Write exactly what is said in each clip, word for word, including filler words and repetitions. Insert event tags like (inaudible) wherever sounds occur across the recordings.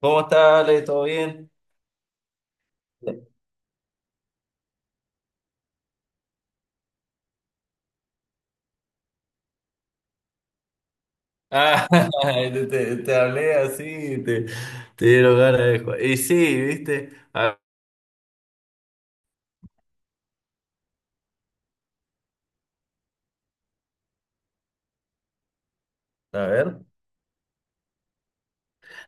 ¿Cómo estás, Ale? ¿Todo bien? Ah, (laughs) te, te- te hablé así, te, te dieron ganas de jugar. Y sí, ¿viste? A, a ver.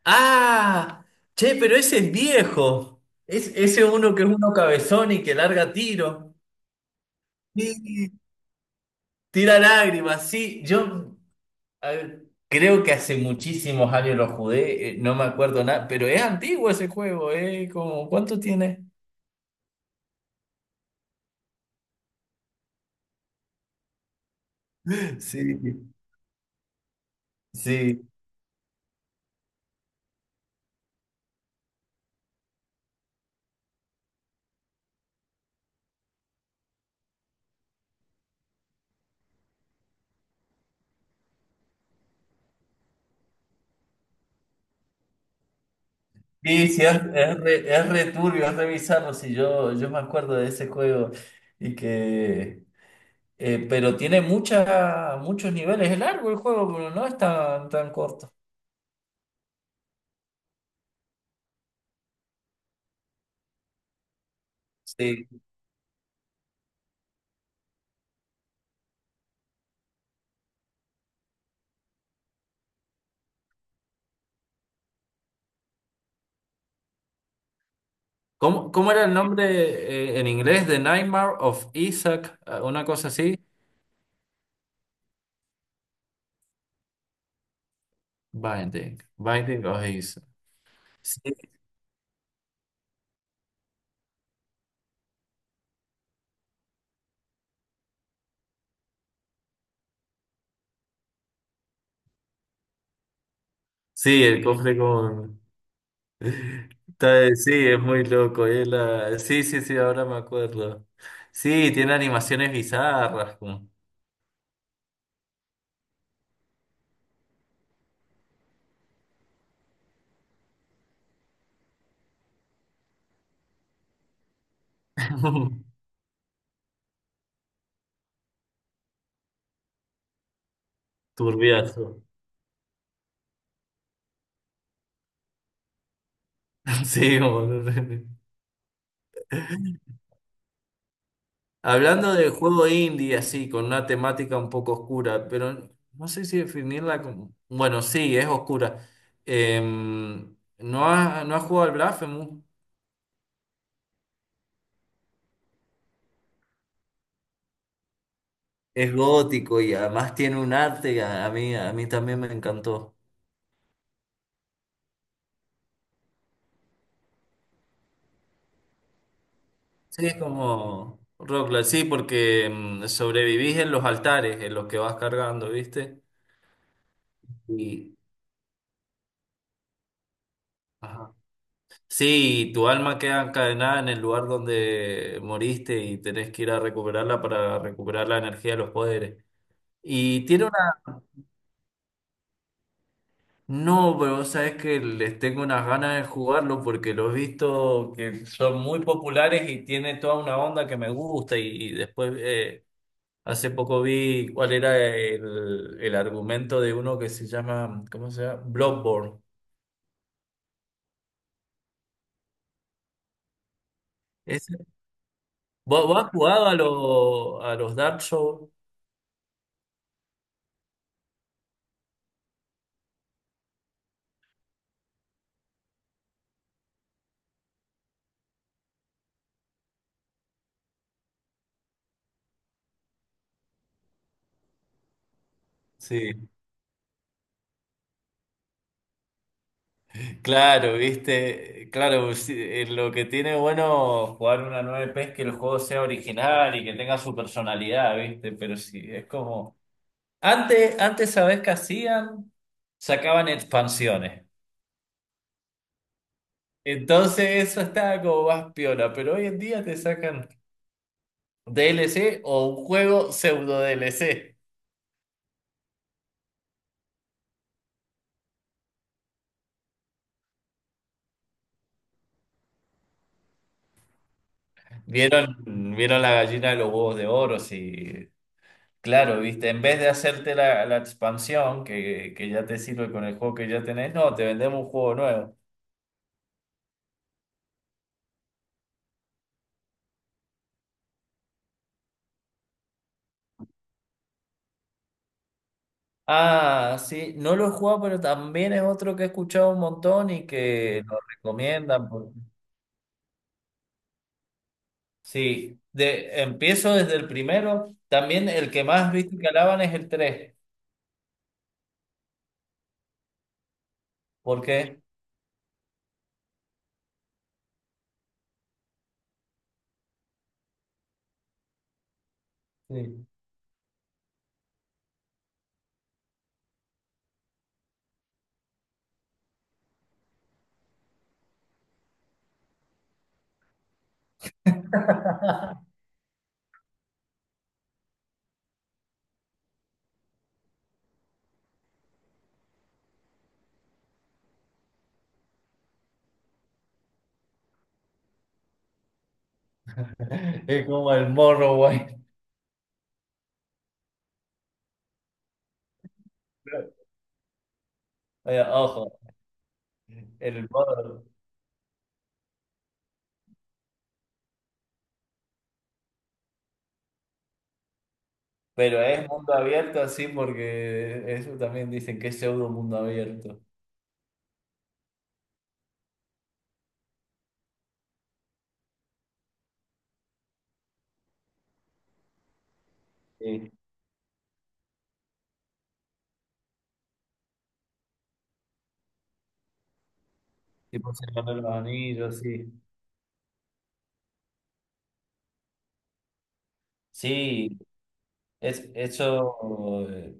¡Ah! Che, pero ese es viejo. Es, ese uno que es uno cabezón y que larga tiro. Sí, tira lágrimas, sí. Yo a ver, creo que hace muchísimos años lo jugué, eh, no me acuerdo nada, pero es antiguo ese juego, ¿eh? Como, ¿cuánto tiene? Sí, sí. Sí, sí, es, es re, es re turbio, es re bizarro, sí, yo, yo me acuerdo de ese juego y que... eh, pero tiene mucha, muchos niveles, es largo el juego, pero no es tan, tan corto. Sí. ¿Cómo, cómo era el nombre eh, en inglés? The Nightmare of Isaac, eh, una cosa así. Binding, Binding of Isaac. Sí, sí, el cofre con... Está- Sí, es muy loco. Es la- Sí, sí, sí, ahora me acuerdo. Sí, tiene animaciones bizarras. Como- (laughs) Turbiazo. (laughs) Sí, boludo. Hablando de juego indie, así, con una temática un poco oscura, pero no sé si definirla como... Bueno, sí, es oscura. Em, ¿no has, no has jugado al Blasphemous? Es gótico y además tiene un arte que a a mí, a mí también me encantó. Sí, es como roguelike, sí, porque em, sobrevivís en los altares en los que vas cargando, ¿viste? Y... Ajá. Sí, tu alma queda encadenada en el lugar donde moriste y tenés que ir a recuperarla para recuperar la energía de los poderes. Y tiene una... No, pero vos sabés que les tengo unas ganas de jugarlo porque lo he visto que son muy populares y tiene toda una onda que me gusta y, y después eh, hace poco vi cuál era el, el argumento de uno que se llama, ¿cómo se llama? Bloodborne. Ese- ¿Vos, vos has jugado a, los a los Dark Souls? Sí. Claro, viste, claro, sí, eh, lo que tiene bueno jugar una nueve P es que el juego sea original y que tenga su personalidad, viste, pero sí, es como... Antes, antes, ¿sabés qué hacían? Sacaban expansiones. Entonces eso estaba como más piola, pero hoy en día te sacan D L C o un juego pseudo D L C. ¿Vieron, vieron la gallina de los huevos de oro? Sí, claro, viste, en vez de hacerte la, la expansión que, que ya te sirve con el juego que ya tenés, no, te vendemos un juego nuevo. Ah, sí, no lo he jugado, pero también es otro que he escuchado un montón y que lo recomiendan. Por- Sí, de, empiezo desde el primero. También el que más viste que alaban es el tres. ¿Por qué? Sí. (laughs) Es como el Morrowind. (laughs) Eh, ojo, el Morrowind. Pero es mundo abierto así porque eso también dicen que es pseudo mundo abierto. Sí. Tipo Señor de los Anillos, sí. Sí, es, eso. Eh,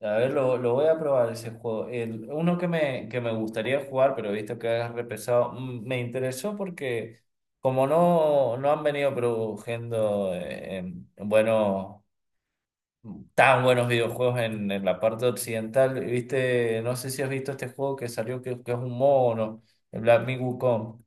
A ver, lo, lo voy a probar ese juego. El- uno que me, que me gustaría jugar, pero he visto que has repesado, mm, me interesó porque como no, no han venido produciendo eh, em, buenos tan buenos videojuegos en, en la parte occidental. Viste, no sé si has visto este juego que salió que, que es un mono, el Black Myth Wukong.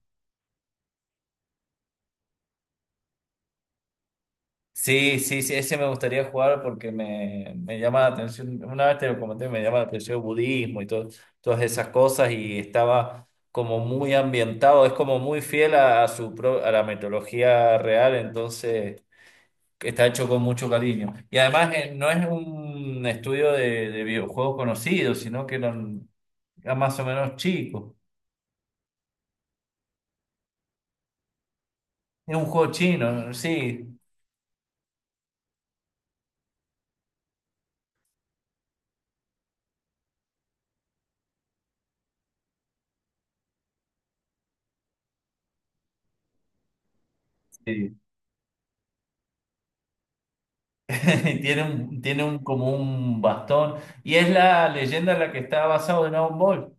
Sí, sí, sí, ese me gustaría jugar porque me, me llama la atención. Una vez te lo comenté, me llama la atención el budismo y todo, todas esas cosas. Y estaba como muy ambientado, es como muy fiel a, a su pro- a la mitología real, entonces está hecho con mucho cariño. Y además eh, no es un estudio de, de videojuegos conocido, sino que no. era más o menos chico. Es un juego chino, sí. Sí. (laughs) Tiene un, tiene un, como un bastón. Y es la leyenda en la que está basado en Dragon Ball.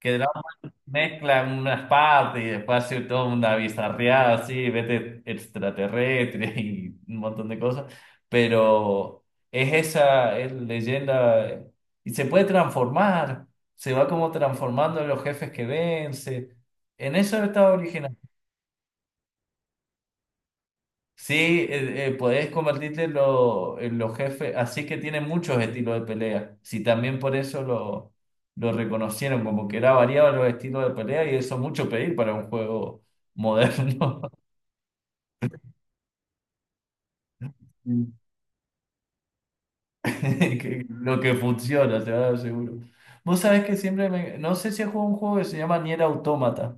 Que Dragon mezcla unas partes y después hace toda una bizarreada así, vete extraterrestre (laughs) y un montón de cosas. Pero es esa es leyenda. Eh, Y se puede transformar. Se va como transformando en los jefes que vence. En eso está original. Sí, eh, eh, podés convertirte en, lo- en los jefes, así que tiene muchos estilos de pelea. Sí, también por eso lo, lo reconocieron, como que era variado los estilos de pelea y eso es mucho pedir para un juego moderno, (laughs) Mm. (laughs) que- lo que funciona, te lo seguro. Vos sabés que siempre me... No sé si he jugado un juego que se llama Nier Automata.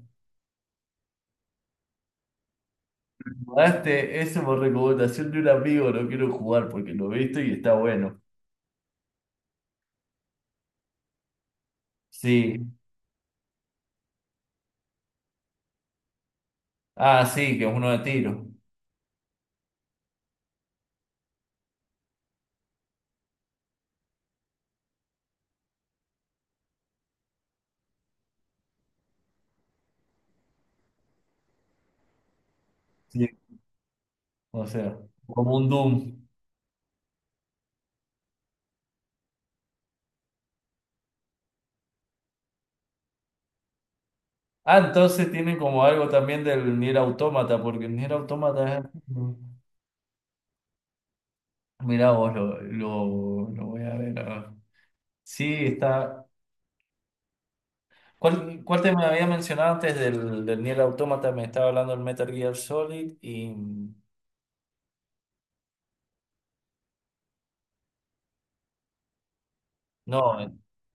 Jugaste eso por recomendación de un amigo, lo quiero jugar porque lo he visto y está bueno. Sí. Ah, sí, que es uno de tiro. Sí, o sea, como un Doom. Ah, entonces tienen como algo también del Nier Automata, porque el Nier Automata es... Mirá vos, lo, lo, lo voy a ver. Ahora. Sí, está... ¿Cuál, cuál te me había mencionado antes del, del Nier Automata? Me estaba hablando del Metal Gear Solid y... No, el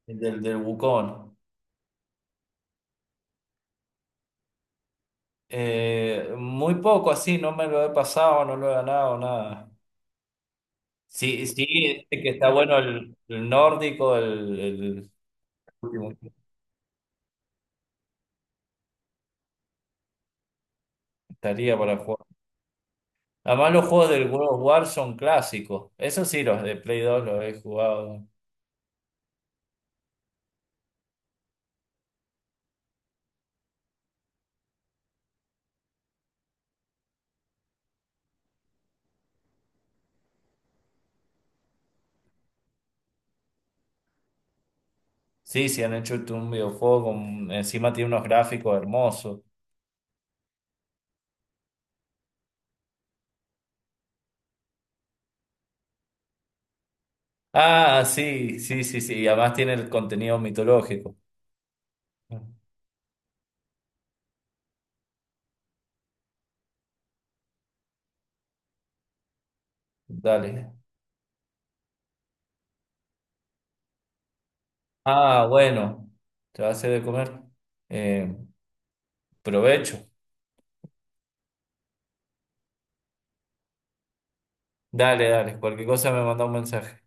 el del, del Wukong. Eh, muy poco así, no me lo he pasado, no lo he ganado, nada. Sí, sí, este que está bueno el, el nórdico, el, el último. Estaría para jugar. Además, los juegos del World of War son clásicos. Eso sí, los de Play dos los he jugado. Sí, sí, han hecho este, un videojuego con... Encima tiene unos gráficos hermosos. Ah, sí, sí, sí, sí. y además tiene el contenido mitológico. Dale. Ah, bueno. Te va a hacer de comer. Eh, provecho. Dale, dale. Cualquier cosa me manda un mensaje.